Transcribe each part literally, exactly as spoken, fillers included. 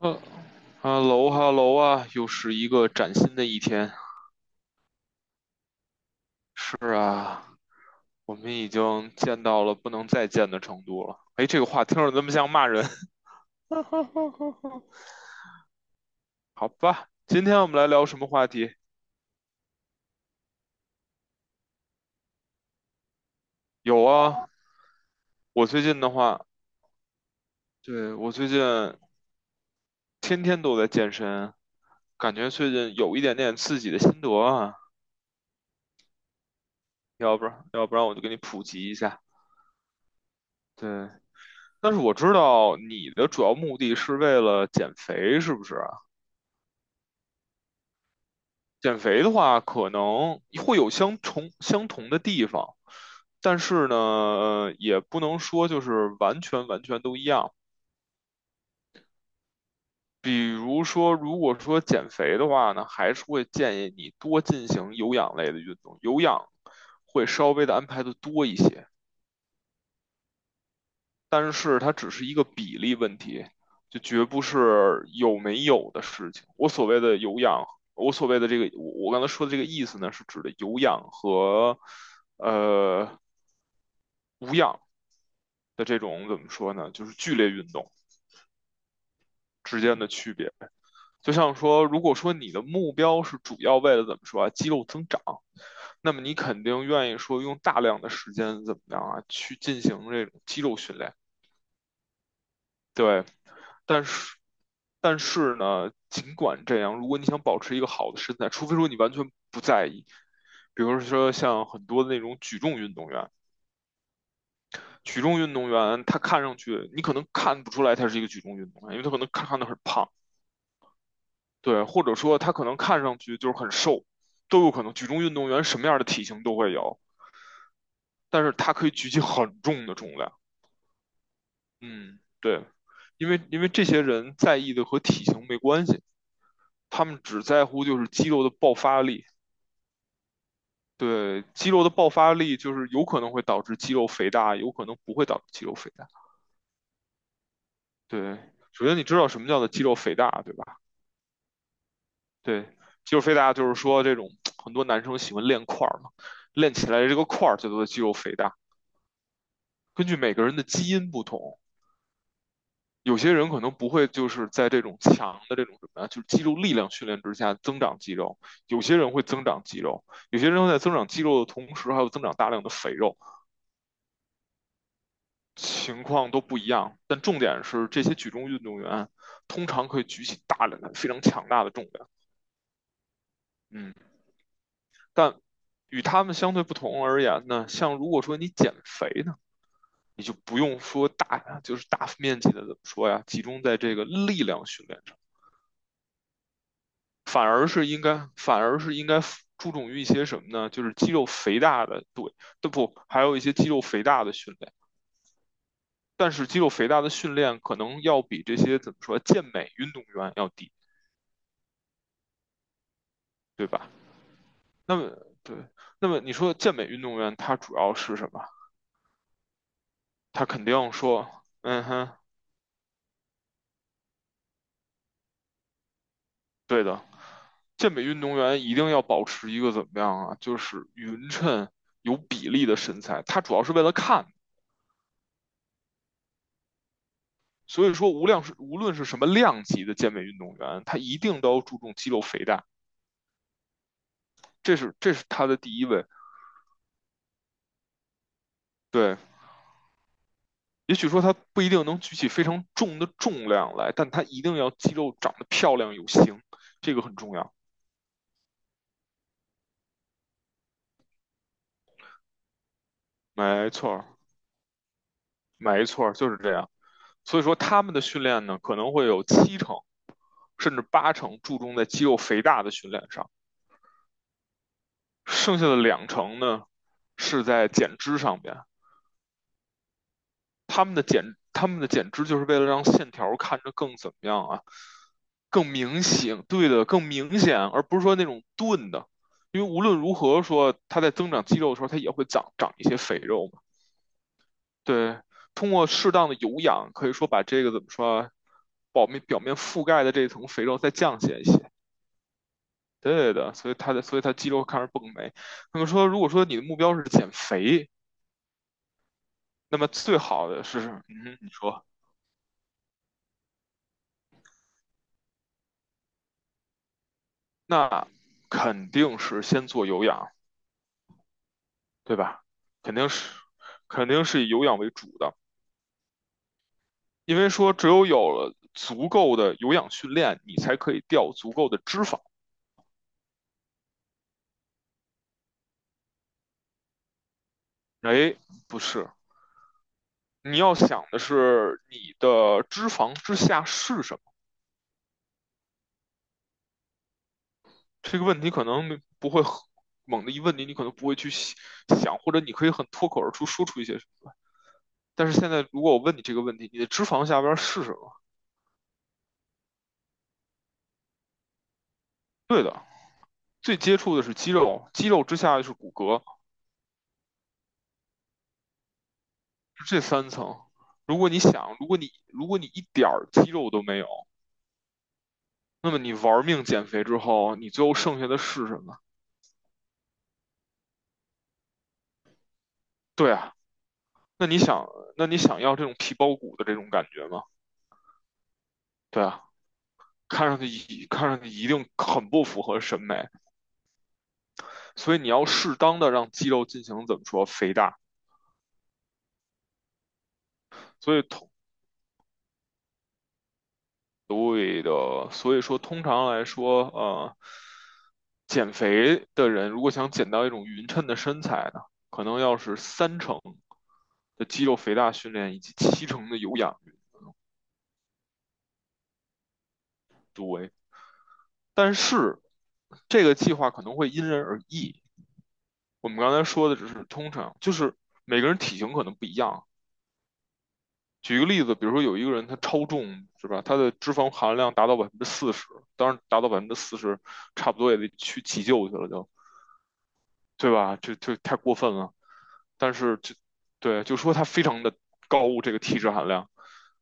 呃哈喽哈喽。啊，又是一个崭新的一天。是啊，我们已经见到了不能再见的程度了。哎，这个话听着怎么像骂人？哈哈哈哈。好吧，今天我们来聊什么话题？有啊，我最近的话，对，我最近天天都在健身，感觉最近有一点点自己的心得啊。要不然，要不然我就给你普及一下。对，但是我知道你的主要目的是为了减肥，是不是？减肥的话，可能会有相同相同的地方，但是呢，呃也不能说就是完全完全都一样。比如说，如果说减肥的话呢，还是会建议你多进行有氧类的运动，有氧会稍微的安排的多一些。但是它只是一个比例问题，就绝不是有没有的事情。我所谓的有氧，我所谓的这个，我我刚才说的这个意思呢，是指的有氧和呃无氧的这种怎么说呢？就是剧烈运动之间的区别。就像说，如果说你的目标是主要为了怎么说啊，肌肉增长，那么你肯定愿意说用大量的时间怎么样啊，去进行这种肌肉训练。对，但是，但是呢，尽管这样，如果你想保持一个好的身材，除非说你完全不在意，比如说像很多的那种举重运动员，举重运动员他看上去你可能看不出来他是一个举重运动员，因为他可能看上去很胖，对，或者说他可能看上去就是很瘦，都有可能。举重运动员什么样的体型都会有，但是他可以举起很重的重量。嗯，对，因为因为这些人在意的和体型没关系，他们只在乎就是肌肉的爆发力。对，肌肉的爆发力就是有可能会导致肌肉肥大，有可能不会导致肌肉肥大。对，首先你知道什么叫做肌肉肥大，对吧？对，肌肉肥大就是说这种很多男生喜欢练块儿嘛，练起来这个块儿叫做肌肉肥大。根据每个人的基因不同，有些人可能不会就是在这种强的这种什么呀，就是肌肉力量训练之下增长肌肉，有些人会增长肌肉，有些人会在增长肌肉的同时还有增长大量的肥肉。情况都不一样，但重点是这些举重运动员通常可以举起大量的、非常强大的重量。嗯，但与他们相对不同而言呢，像如果说你减肥呢，你就不用说大，就是大面积的怎么说呀，集中在这个力量训练上，反而是应该，反而是应该注重于一些什么呢？就是肌肉肥大的，对，都不，还有一些肌肉肥大的训练。但是肌肉肥大的训练可能要比这些怎么说健美运动员要低，对吧？那么对，那么你说健美运动员他主要是什么？他肯定说，嗯哼，对的，健美运动员一定要保持一个怎么样啊？就是匀称、有比例的身材。他主要是为了看，所以说无量是无论是什么量级的健美运动员，他一定都要注重肌肉肥大，这是这是他的第一位。对，也许说他不一定能举起非常重的重量来，但他一定要肌肉长得漂亮有型，这个很重要。没错，没错，就是这样。所以说他们的训练呢，可能会有七成甚至八成注重在肌肉肥大的训练上，剩下的两成呢是在减脂上面。他们的减，他们的减脂就是为了让线条看着更怎么样啊，更明显，对的，更明显，而不是说那种钝的。因为无论如何说，它在增长肌肉的时候，它也会长长一些肥肉嘛。对，通过适当的有氧，可以说把这个怎么说啊，表面表面覆盖的这层肥肉再降下一些。对的，所以它的，所以它肌肉开始蹦没。那么说，如果说你的目标是减肥，那么最好的是，嗯，你说那肯定是先做有氧，对吧？肯定是，肯定是以有氧为主的，因为说只有有了足够的有氧训练，你才可以掉足够的脂肪。哎，不是，你要想的是你的脂肪之下是什么？这个问题可能不会猛的一问你，你可能不会去想，或者你可以很脱口而出说出一些什么。但是现在如果我问你这个问题，你的脂肪下边是什么？对的，最接触的是肌肉，肌肉之下就是骨骼，是这三层。如果你想，如果你如果你一点肌肉都没有，那么你玩命减肥之后，你最后剩下的是什么？对啊，那你想，那你想要这种皮包骨的这种感觉吗？对啊。看上去一，看上去一定很不符合审美，所以你要适当的让肌肉进行怎么说肥大，所以通，对的，所以说通常来说，呃，减肥的人如果想减到一种匀称的身材呢，可能要是三成的肌肉肥大训练以及七成的有氧运动，但是这个计划可能会因人而异。我们刚才说的只是通常，就是每个人体型可能不一样。举个例子，比如说有一个人他超重是吧？他的脂肪含量达到百分之四十，当然达到百分之四十，差不多也得去急救去了就，对吧？就就太过分了。但是就对就说他非常的高这个体脂含量，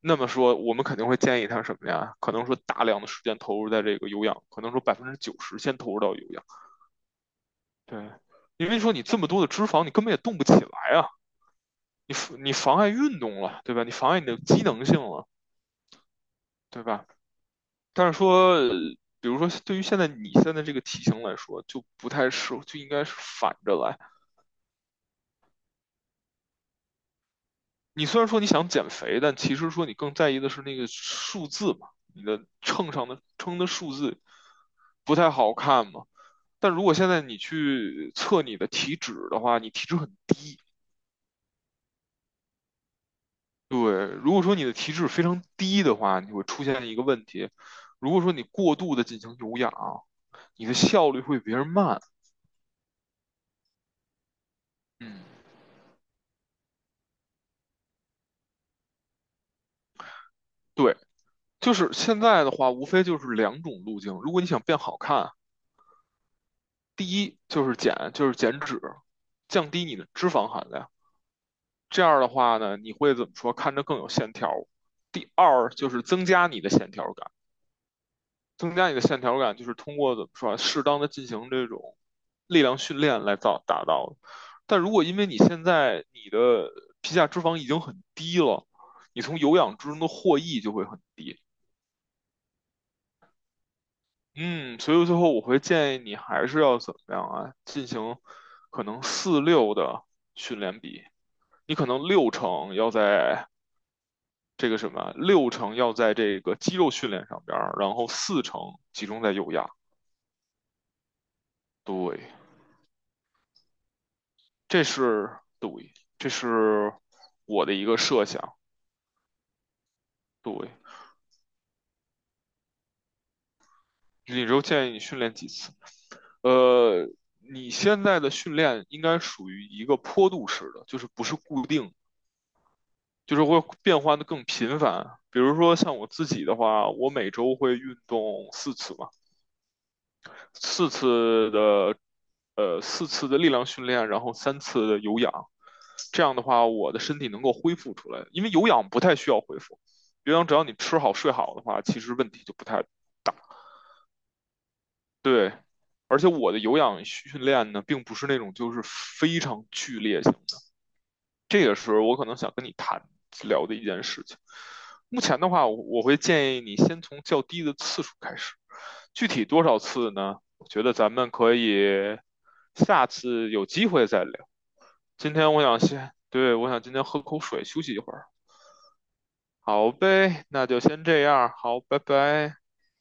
那么说我们肯定会建议他什么呀？可能说大量的时间投入在这个有氧，可能说百分之九十先投入到有氧，对，因为说你这么多的脂肪，你根本也动不起来啊，你，你妨碍运动了，对吧？你妨碍你的机能性了，对吧？但是说，呃比如说对于现在你现在这个体型来说，就不太适合，就应该是反着来。你虽然说你想减肥，但其实说你更在意的是那个数字嘛，你的秤上的称的数字不太好看嘛。但如果现在你去测你的体脂的话，你体脂很低。对，如果说你的体脂非常低的话，你会出现一个问题。如果说你过度的进行有氧，你的效率会比别人慢。嗯，对。就是现在的话，无非就是两种路径。如果你想变好看，第一就是减，就是减脂，降低你的脂肪含量。这样的话呢，你会怎么说？看着更有线条。第二就是增加你的线条感，增加你的线条感就是通过怎么说啊，适当的进行这种力量训练来造达到的。但如果因为你现在你的皮下脂肪已经很低了，你从有氧之中的获益就会很低。嗯，所以最后我会建议你还是要怎么样啊？进行可能四六的训练比，你可能六成要在这个什么，六成要在这个肌肉训练上边儿，然后四成集中在有氧。对，这是，对，这是我的一个设想。对，你就建议你训练几次？呃，你现在的训练应该属于一个坡度式的，就是不是固定的。就是会变换的更频繁。比如说像我自己的话，我每周会运动四次嘛，四次的，呃四次的力量训练，然后三次的有氧。这样的话，我的身体能够恢复出来，因为有氧不太需要恢复，有氧只要你吃好睡好的话，其实问题就不太对。而且我的有氧训练呢，并不是那种就是非常剧烈性，这也是我可能想跟你谈聊的一件事情。目前的话，我我会建议你先从较低的次数开始，具体多少次呢？我觉得咱们可以下次有机会再聊。今天我想先，对，我想今天喝口水休息一会儿。好呗，那就先这样，好，拜拜。